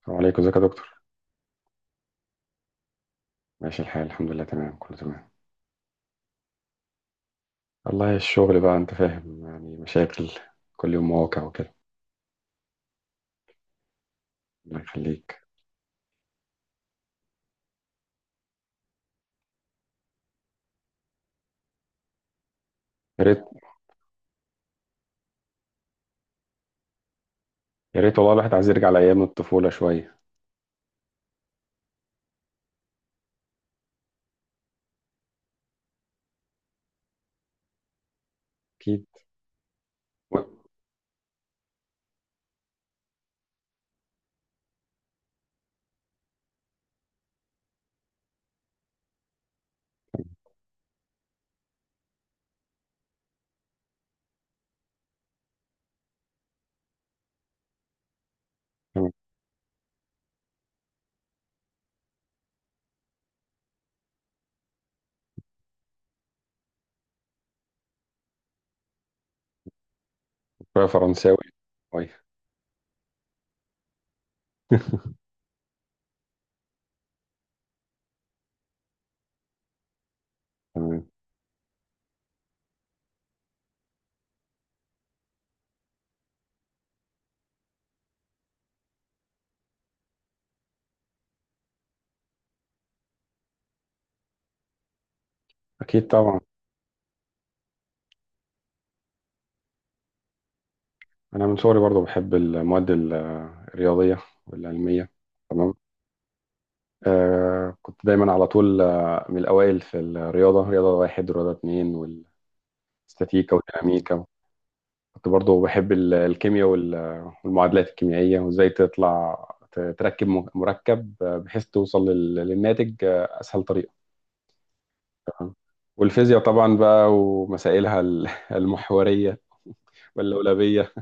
السلام عليكم، ازيك يا دكتور؟ ماشي الحال، الحمد لله، تمام، كله تمام. والله الشغل بقى، انت فاهم، يعني مشاكل كل يوم، مواقع وكده. الله يخليك. يا ريت، يا ريت والله الواحد عايز يرجع لايام الطفوله شويه. اكيد. و- شويه فرنساوي. شويه. تمام. اكيد طبعا. انا من صغري برضو بحب المواد الرياضيه والعلميه. تمام. آه، كنت دايما على طول، من الاوائل في الرياضه، رياضه واحد ورياضه اتنين، والاستاتيكا والديناميكا. كنت برضو بحب الكيمياء والمعادلات الكيميائية، وازاي تطلع تركب مركب، بحيث توصل للناتج أسهل طريقة آه. والفيزياء طبعا بقى، ومسائلها المحورية واللولبية.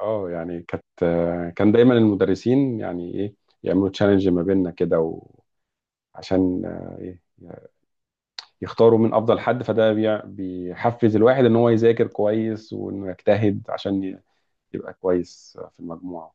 اه، يعني كان دايما المدرسين، يعني ايه، يعملوا تشالنج ما بيننا كده. عشان آه، إيه، يختاروا من افضل حد، فده بيحفز الواحد ان هو يذاكر كويس، وانه يجتهد عشان يبقى كويس في المجموعة.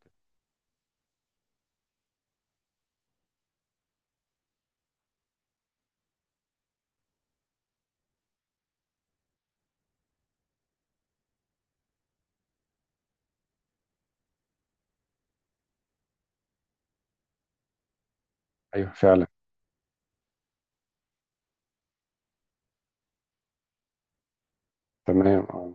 ايوه، فعلا. تمام، اه.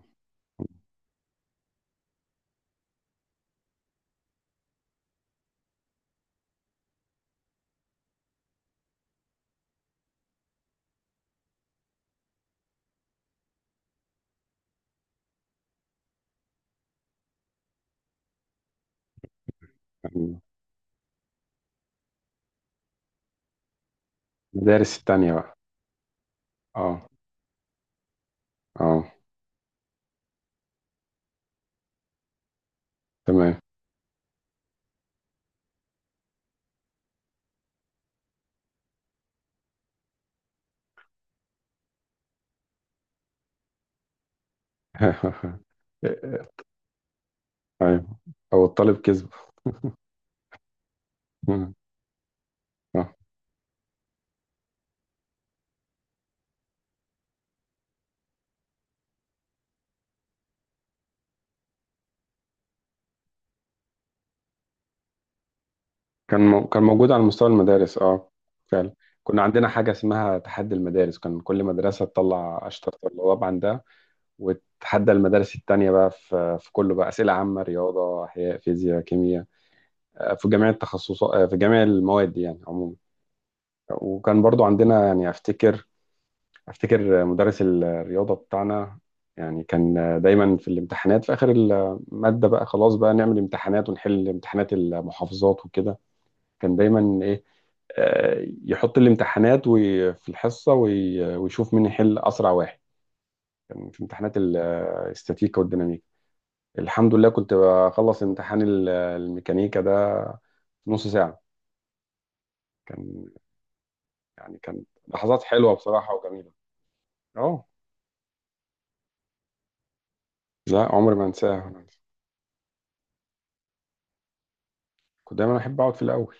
المدارس التانية بقى. اه، اه، تمام. ايوه، او الطالب كذب. مم. آه. كان موجود على مستوى المدارس، اه فعلا. كنا عندنا حاجة اسمها تحدي المدارس، كان كل مدرسة تطلع أشطر طلاب عندها. وتحدى المدارس التانية بقى في كله بقى، أسئلة عامة، رياضة، أحياء، فيزياء، كيمياء. في جميع التخصصات، في جميع المواد يعني عموما. وكان برضو عندنا يعني افتكر مدرس الرياضه بتاعنا، يعني كان دايما في الامتحانات في اخر الماده بقى خلاص، بقى نعمل امتحانات ونحل امتحانات المحافظات وكده. كان دايما ايه، يحط الامتحانات في الحصه ويشوف مين يحل اسرع واحد. كان في امتحانات الاستاتيكا والديناميكا. الحمد لله كنت بخلص امتحان الميكانيكا ده في نص ساعه. كان يعني كانت لحظات حلوه بصراحه وجميله. اه، لا عمري ما انساها. كنت دايما احب اقعد في الاول،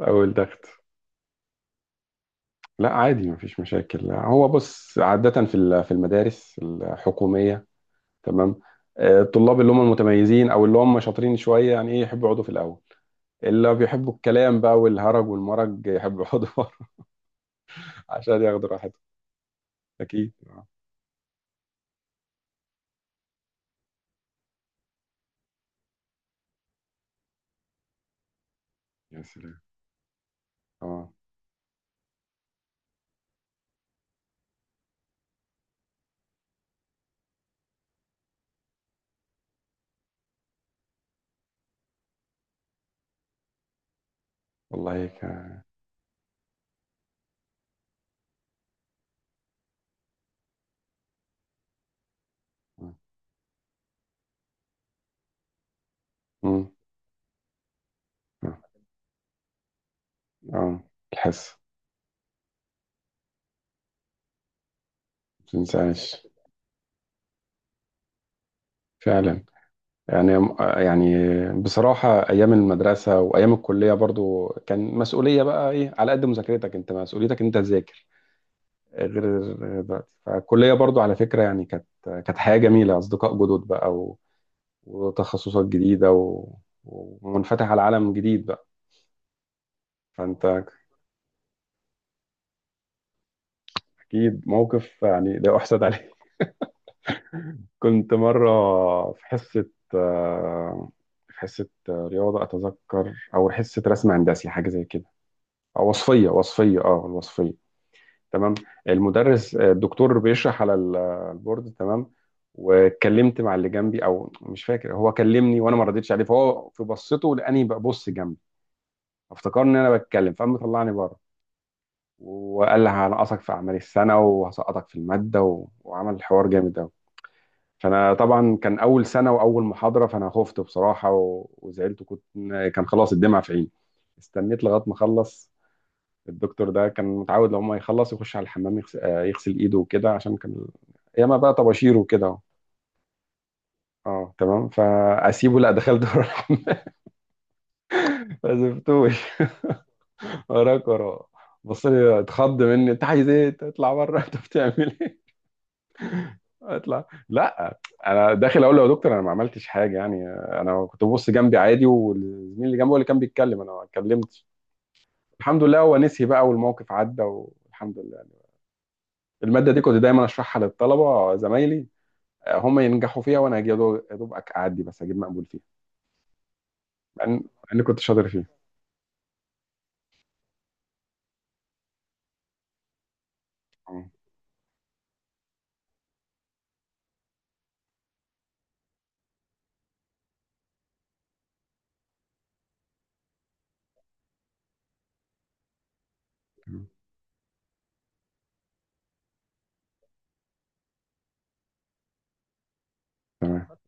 أو الضغط. لا، عادي مفيش مشاكل، هو بص، عادة في في المدارس الحكومية. تمام. الطلاب اللي هم المتميزين أو اللي هم شاطرين شوية، يعني إيه، يحبوا يقعدوا في الأول. اللي بيحبوا الكلام بقى والهرج والمرج يحبوا يقعدوا ورا، عشان ياخدوا راحتهم. أكيد. يا سلام. أه، والله هيك، آه، آه، آه، آه. الحس ما تنساش، فعلا. يعني يعني بصراحة أيام المدرسة وأيام الكلية برضو كان مسؤولية بقى، إيه، على قد مذاكرتك أنت، مسؤوليتك أنت تذاكر. غير غير دلوقتي. فالكلية برضو، على فكرة يعني، كانت حياة جميلة، أصدقاء جدد بقى وتخصصات جديدة ومنفتح على عالم جديد بقى. فأنت. أكيد موقف يعني لا أحسد عليه. كنت مرة في حصة آه، في حصة رياضة أتذكر، أو حصة رسم هندسي، حاجة زي كده. وصفية وصفية اه الوصفية. تمام. المدرس آه، الدكتور بيشرح على البورد. تمام. واتكلمت مع اللي جنبي، او مش فاكر، هو كلمني وانا ما ردتش عليه، فهو في بصته لاني ببص جنبي افتكر ان انا بتكلم، فقام طلعني بره. وقال لي هنقصك في اعمال السنه وهسقطك في الماده، وعمل حوار جامد قوي. فانا طبعا كان اول سنه واول محاضره، فانا خفت بصراحه وزعلت، كنت، كان خلاص الدمع في عيني. استنيت لغايه ما اخلص. الدكتور ده كان متعود لو ما يخلص يخش على الحمام يغسل ايده وكده، عشان كان ياما بقى طباشير وكده اهو. اه تمام، فاسيبه؟ لا، دخلت ورا الحمام. ما سبتوش. وراك وراه. بص لي، اتخض مني، انت عايز ايه، تطلع بره؟ انت بتعمل ايه؟ اطلع؟ لا، انا داخل اقول له: يا دكتور، انا ما عملتش حاجه، يعني انا كنت ببص جنبي عادي، والزميل اللي جنبي هو اللي كان بيتكلم، انا ما اتكلمتش. الحمد لله هو نسي بقى، والموقف عدى والحمد لله. الماده دي كنت دايما اشرحها للطلبه زمايلي، هم ينجحوا فيها وانا اجي يا دوب يا دوب اعدي بس، اجيب مقبول فيها. مع اني كنت شاطر فيها. مم. تمام، تمام.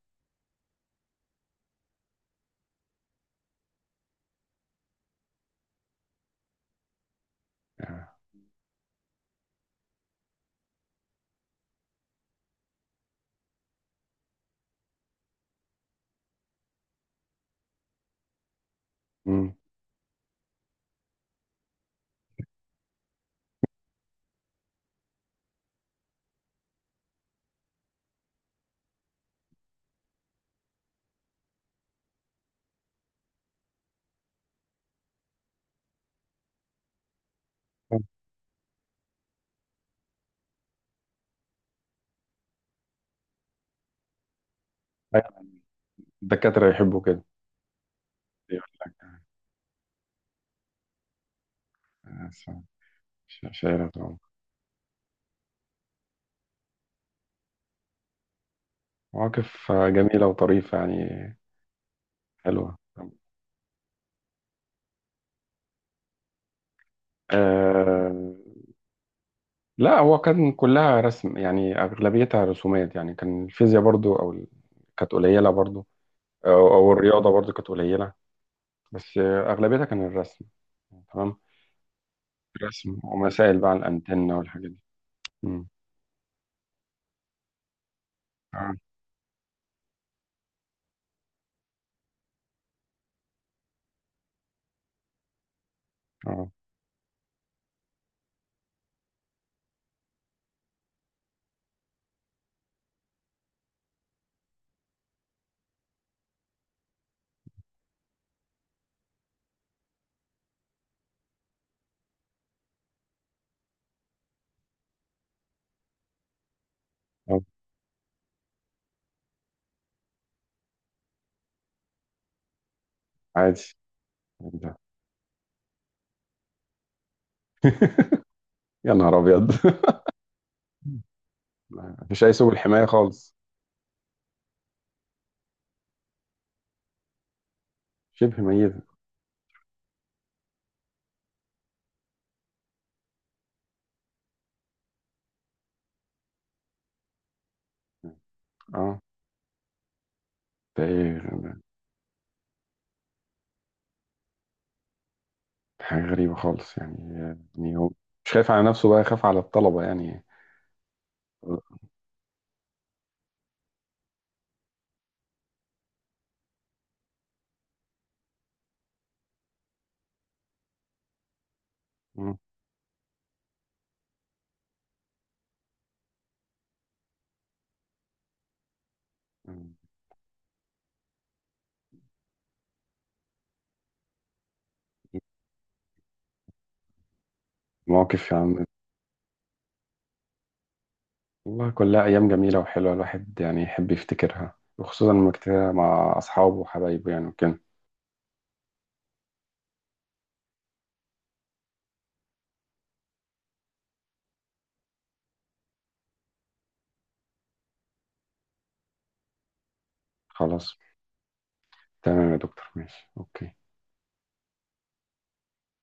يعني- مم. الدكاترة يحبوا كده. أيوة. آه، شاعرة طبعا. مواقف جميلة وطريفة يعني. حلوة. آه، لا هو كان كلها رسم، يعني أغلبيتها رسومات يعني. كان الفيزياء برضو كانت قليلة برضو، أو الرياضة برضو كانت قليلة. بس أغلبيتها كان الرسم. تمام. رسم ومسائل بقى عن الأنتنة والحاجات دي. مم. اه. اه. آه. عادي. ده. يا نهار ابيض. مفيش اي سبل حمايه خالص. شبه ميته. اه، ده ايه ده؟ حاجه غريبه خالص يعني هو مش خايف على نفسه بقى، خايف على الطلبه يعني. مم. مواقف يعني. والله كلها ايام جميله وحلوه، الواحد يعني يحب يفتكرها، وخصوصا لما يفتكرها مع اصحابه وحبايبه يعني وكده. خلاص، تمام يا دكتور، ماشي، اوكي.